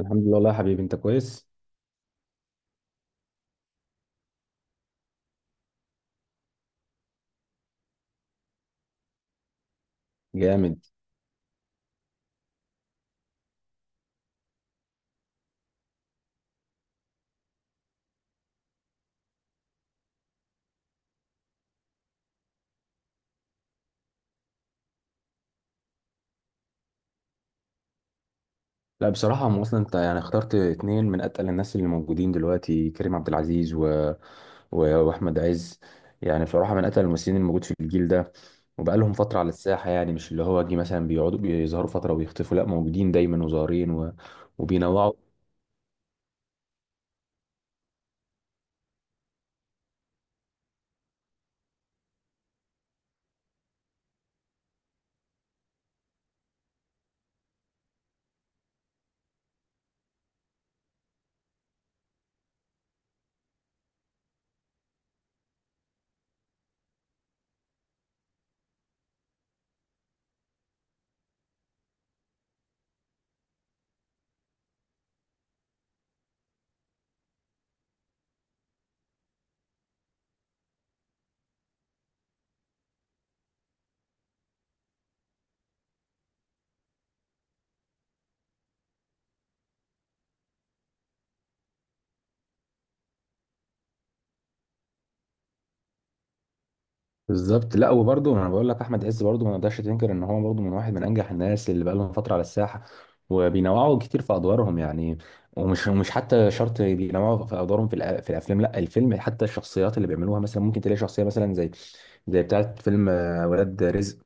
الحمد لله والله يا حبيبي، انت كويس. جامد. لا بصراحة، هم اصلا انت يعني اخترت اتنين من اتقل الناس اللي موجودين دلوقتي، كريم عبد العزيز واحمد عز. يعني بصراحة من اتقل الممثلين الموجود في الجيل ده، وبقالهم فترة على الساحة، يعني مش اللي هو جه مثلا بيقعدوا بيظهروا فترة ويختفوا، لا موجودين دايما وظاهرين وبينوعوا. بالظبط. لا وبرضه انا بقول لك، احمد عز برضه ما نقدرش تنكر ان هو برضه من واحد من انجح الناس اللي بقى لهم فتره على الساحه، وبينوعوا كتير في ادوارهم يعني. ومش مش حتى شرط بينوعوا في ادوارهم، في الافلام، لا الفيلم حتى الشخصيات اللي بيعملوها. مثلا ممكن تلاقي شخصيه مثلا زي بتاعه فيلم ولاد رزق،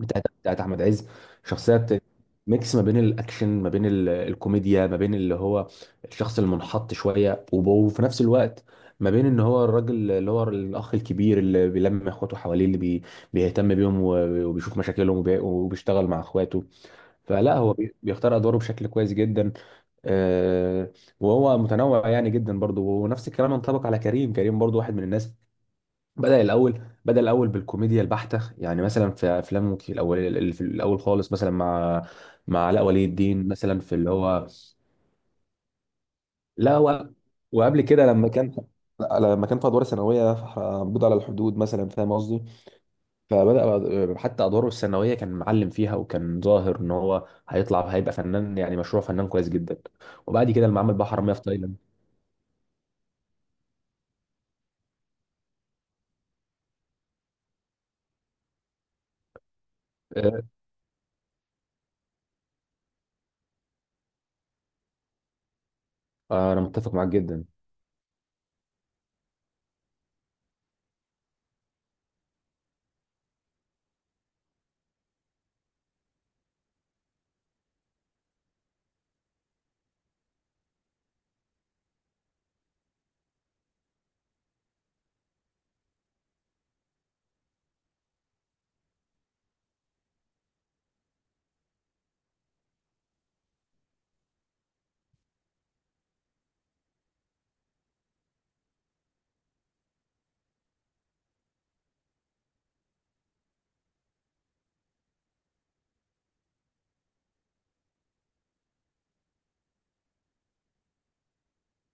بتاعت احمد عز. شخصيات ميكس ما بين الاكشن، ما بين الكوميديا، ما بين اللي هو الشخص المنحط شويه، وفي نفس الوقت ما بين ان هو الراجل اللي هو الاخ الكبير اللي بيلم اخواته حواليه، اللي بيهتم بيهم، وبيشوف مشاكلهم، وبيشتغل مع اخواته. فلا هو بيختار ادواره بشكل كويس جدا. آه، وهو متنوع يعني جدا برضه، ونفس الكلام ينطبق على كريم. كريم برضه واحد من الناس بدأ الأول بالكوميديا البحتة. يعني مثلا في أفلام الأول، اللي في الأول خالص مثلا مع علاء ولي الدين، مثلا في اللي هو. لا. وقبل كده لما كان. لا، لما كان في ادوار ثانويه، موجود على الحدود مثلا، فاهم قصدي. فبدأ حتى أدواره الثانوية كان معلم فيها، وكان ظاهر إن هو هيطلع هيبقى فنان، يعني مشروع فنان كويس جدا. وبعد كده لما عمل بحر مياه في تايلاند. أنا متفق معاك جدا.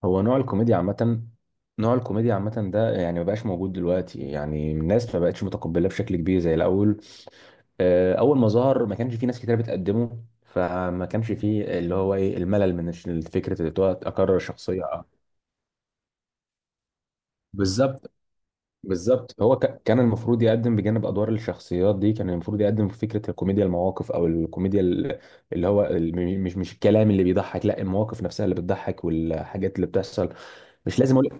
هو نوع الكوميديا عامة ده يعني ما بقاش موجود دلوقتي، يعني الناس ما بقتش متقبلة بشكل كبير زي الأول. أول ما ظهر ما كانش في ناس كتير بتقدمه، فما كانش فيه اللي هو إيه الملل من الفكرة اللي هو أكرر شخصية. بالظبط. بالظبط هو كان المفروض يقدم بجانب أدوار الشخصيات دي، كان المفروض يقدم في فكرة الكوميديا المواقف، أو الكوميديا اللي هو مش الكلام اللي بيضحك، لا المواقف نفسها اللي بتضحك، والحاجات اللي بتحصل. مش لازم أقول.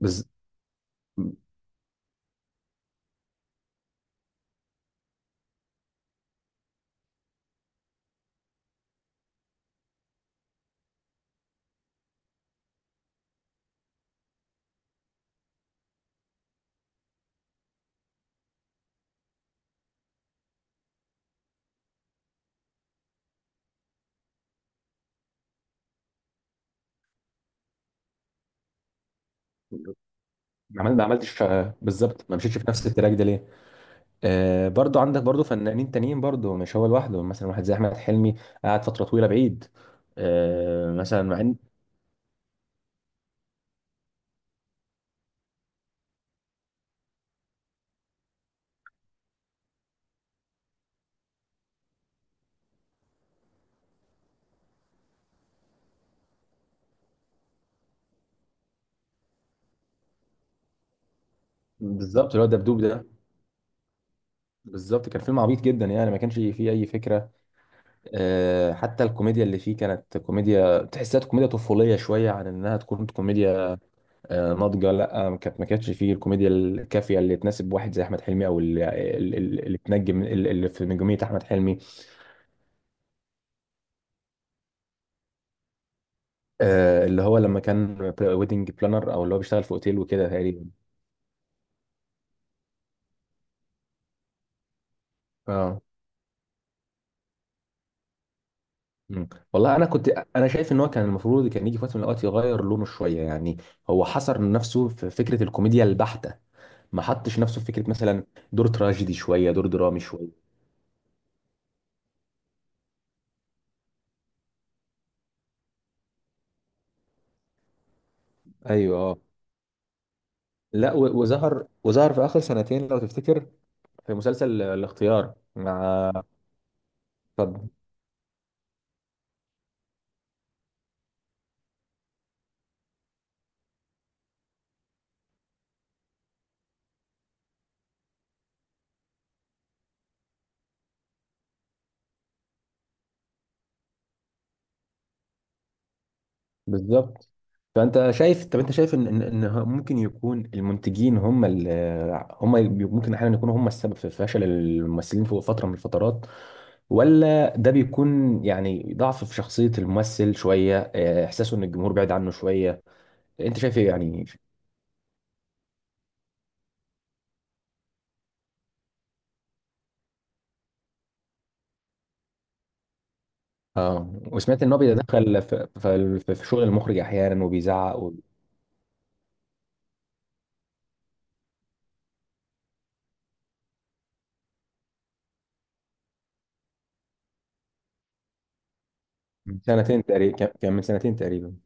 بز... ما عملتش. بالظبط ما مشيتش في نفس التراك ده ليه. برضو عندك برضو فنانين تانيين، برضو مش هو لوحده، مثلا واحد زي احمد حلمي قعد فتره طويله بعيد. مثلا مع ان. بالظبط اللي هو دبدوب ده. بالظبط كان فيلم عبيط جدا، يعني ما كانش فيه اي فكره. حتى الكوميديا اللي فيه كانت كوميديا، تحسها كوميديا طفوليه شويه عن انها تكون كوميديا ناضجه. لا ما كانتش فيه الكوميديا الكافيه اللي تناسب واحد زي احمد حلمي، او اللي تنجم اللي في نجوميه احمد حلمي. اللي هو لما كان ويدنج بلانر، او اللي هو بيشتغل في اوتيل وكده تقريبا. اه. مم. والله انا كنت، انا شايف ان هو كان المفروض كان يجي في وقت من الاوقات يغير لونه شويه، يعني هو حصر نفسه في فكره الكوميديا البحته، ما حطش نفسه في فكره مثلا دور تراجيدي شويه، دور درامي شويه. ايوه اه. لا وظهر في اخر سنتين لو تفتكر في مسلسل الاختيار مع. طب. بالظبط. فانت شايف طب انت شايف ممكن يكون المنتجين هم، ممكن احيانا يكونوا هم السبب في فشل الممثلين في فتره من الفترات، ولا ده بيكون يعني ضعف في شخصيه الممثل شويه، احساسه ان الجمهور بعيد عنه شويه. انت شايف ايه يعني؟ اه. وسمعت ان هو بيتدخل في شغل المخرج احيانا، وبيزعق من سنتين تقريبا، كان من سنتين تقريبا.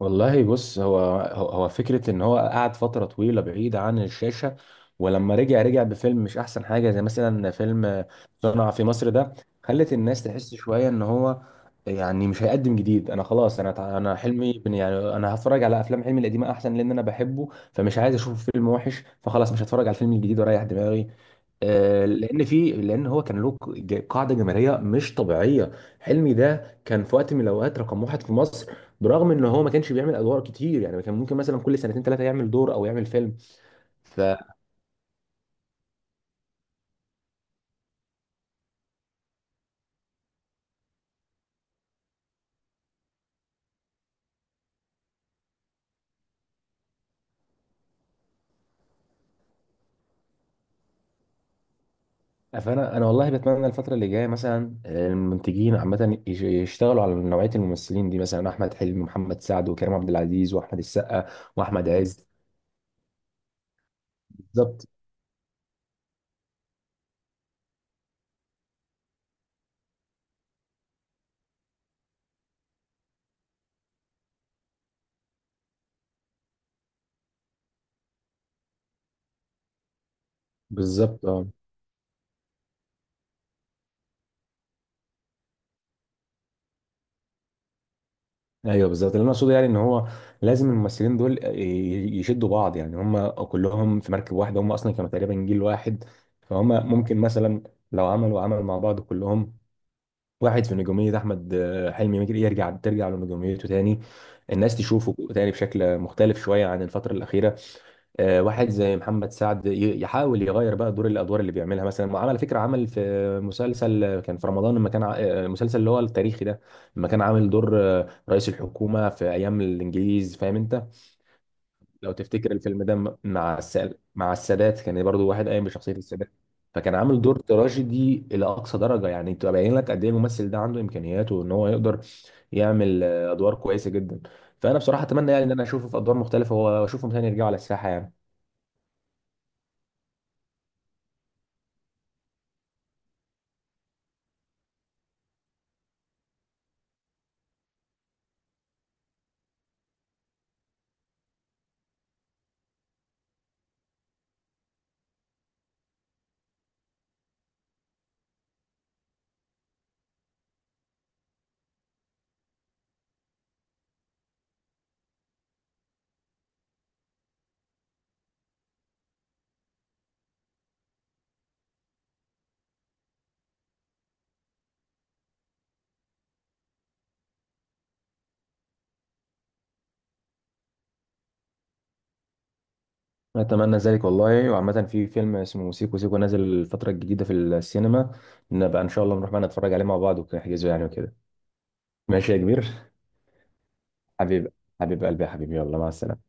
والله بص هو فكرة ان هو قعد فترة طويلة بعيد عن الشاشة، ولما رجع رجع بفيلم مش احسن حاجة، زي مثلا فيلم صنع في مصر ده. خلت الناس تحس شوية ان هو يعني مش هيقدم جديد. انا خلاص، انا حلمي، يعني انا هتفرج على افلام حلمي القديمة احسن، لان انا بحبه، فمش عايز اشوف فيلم وحش، فخلاص مش هتفرج على الفيلم الجديد واريح دماغي. لان هو كان له قاعده جماهيريه مش طبيعيه. حلمي ده كان في وقت من الاوقات رقم واحد في مصر، برغم ان هو ما كانش بيعمل ادوار كتير، يعني كان ممكن مثلا كل سنتين ثلاثه يعمل دور او يعمل فيلم. ف... فانا والله بتمنى الفتره اللي جايه مثلا، المنتجين عامه يشتغلوا على نوعيه الممثلين دي، مثلا احمد حلمي، ومحمد سعد، وكريم عبد العزيز، واحمد السقا، واحمد عز. بالظبط. بالظبط. اه. ايوه بالظبط، اللي انا اقصده يعني ان هو لازم الممثلين دول يشدوا بعض، يعني هم كلهم في مركب واحده، هم اصلا كانوا تقريبا جيل واحد. فهم ممكن مثلا لو عملوا عمل مع بعض كلهم، واحد في نجوميه احمد حلمي ممكن ترجع لنجوميته تاني، الناس تشوفه تاني بشكل مختلف شويه عن الفتره الاخيره. واحد زي محمد سعد يحاول يغير بقى الادوار اللي بيعملها. مثلا على فكره عمل في مسلسل كان في رمضان، لما كان المسلسل اللي هو التاريخي ده، لما كان عامل دور رئيس الحكومه في ايام الانجليز، فاهم انت، لو تفتكر الفيلم ده مع السادات، كان برضو واحد قايم بشخصيه السادات، فكان عامل دور تراجيدي الى اقصى درجه، يعني تبقى باين لك قد ايه الممثل ده عنده امكانيات، وان هو يقدر يعمل ادوار كويسه جدا. فانا بصراحه اتمنى يعني ان انا اشوفه في ادوار مختلفه، واشوفهم تاني يرجعوا على الساحه يعني. أتمنى ذلك والله. وعامة في فيلم اسمه سيكو سيكو نازل الفترة الجديدة في السينما، نبقى إن شاء الله نروح بقى نتفرج عليه مع بعض ونحجزه يعني وكده. ماشي يا كبير. حبيب حبيب قلبي يا حبيبي، يلا مع السلامة.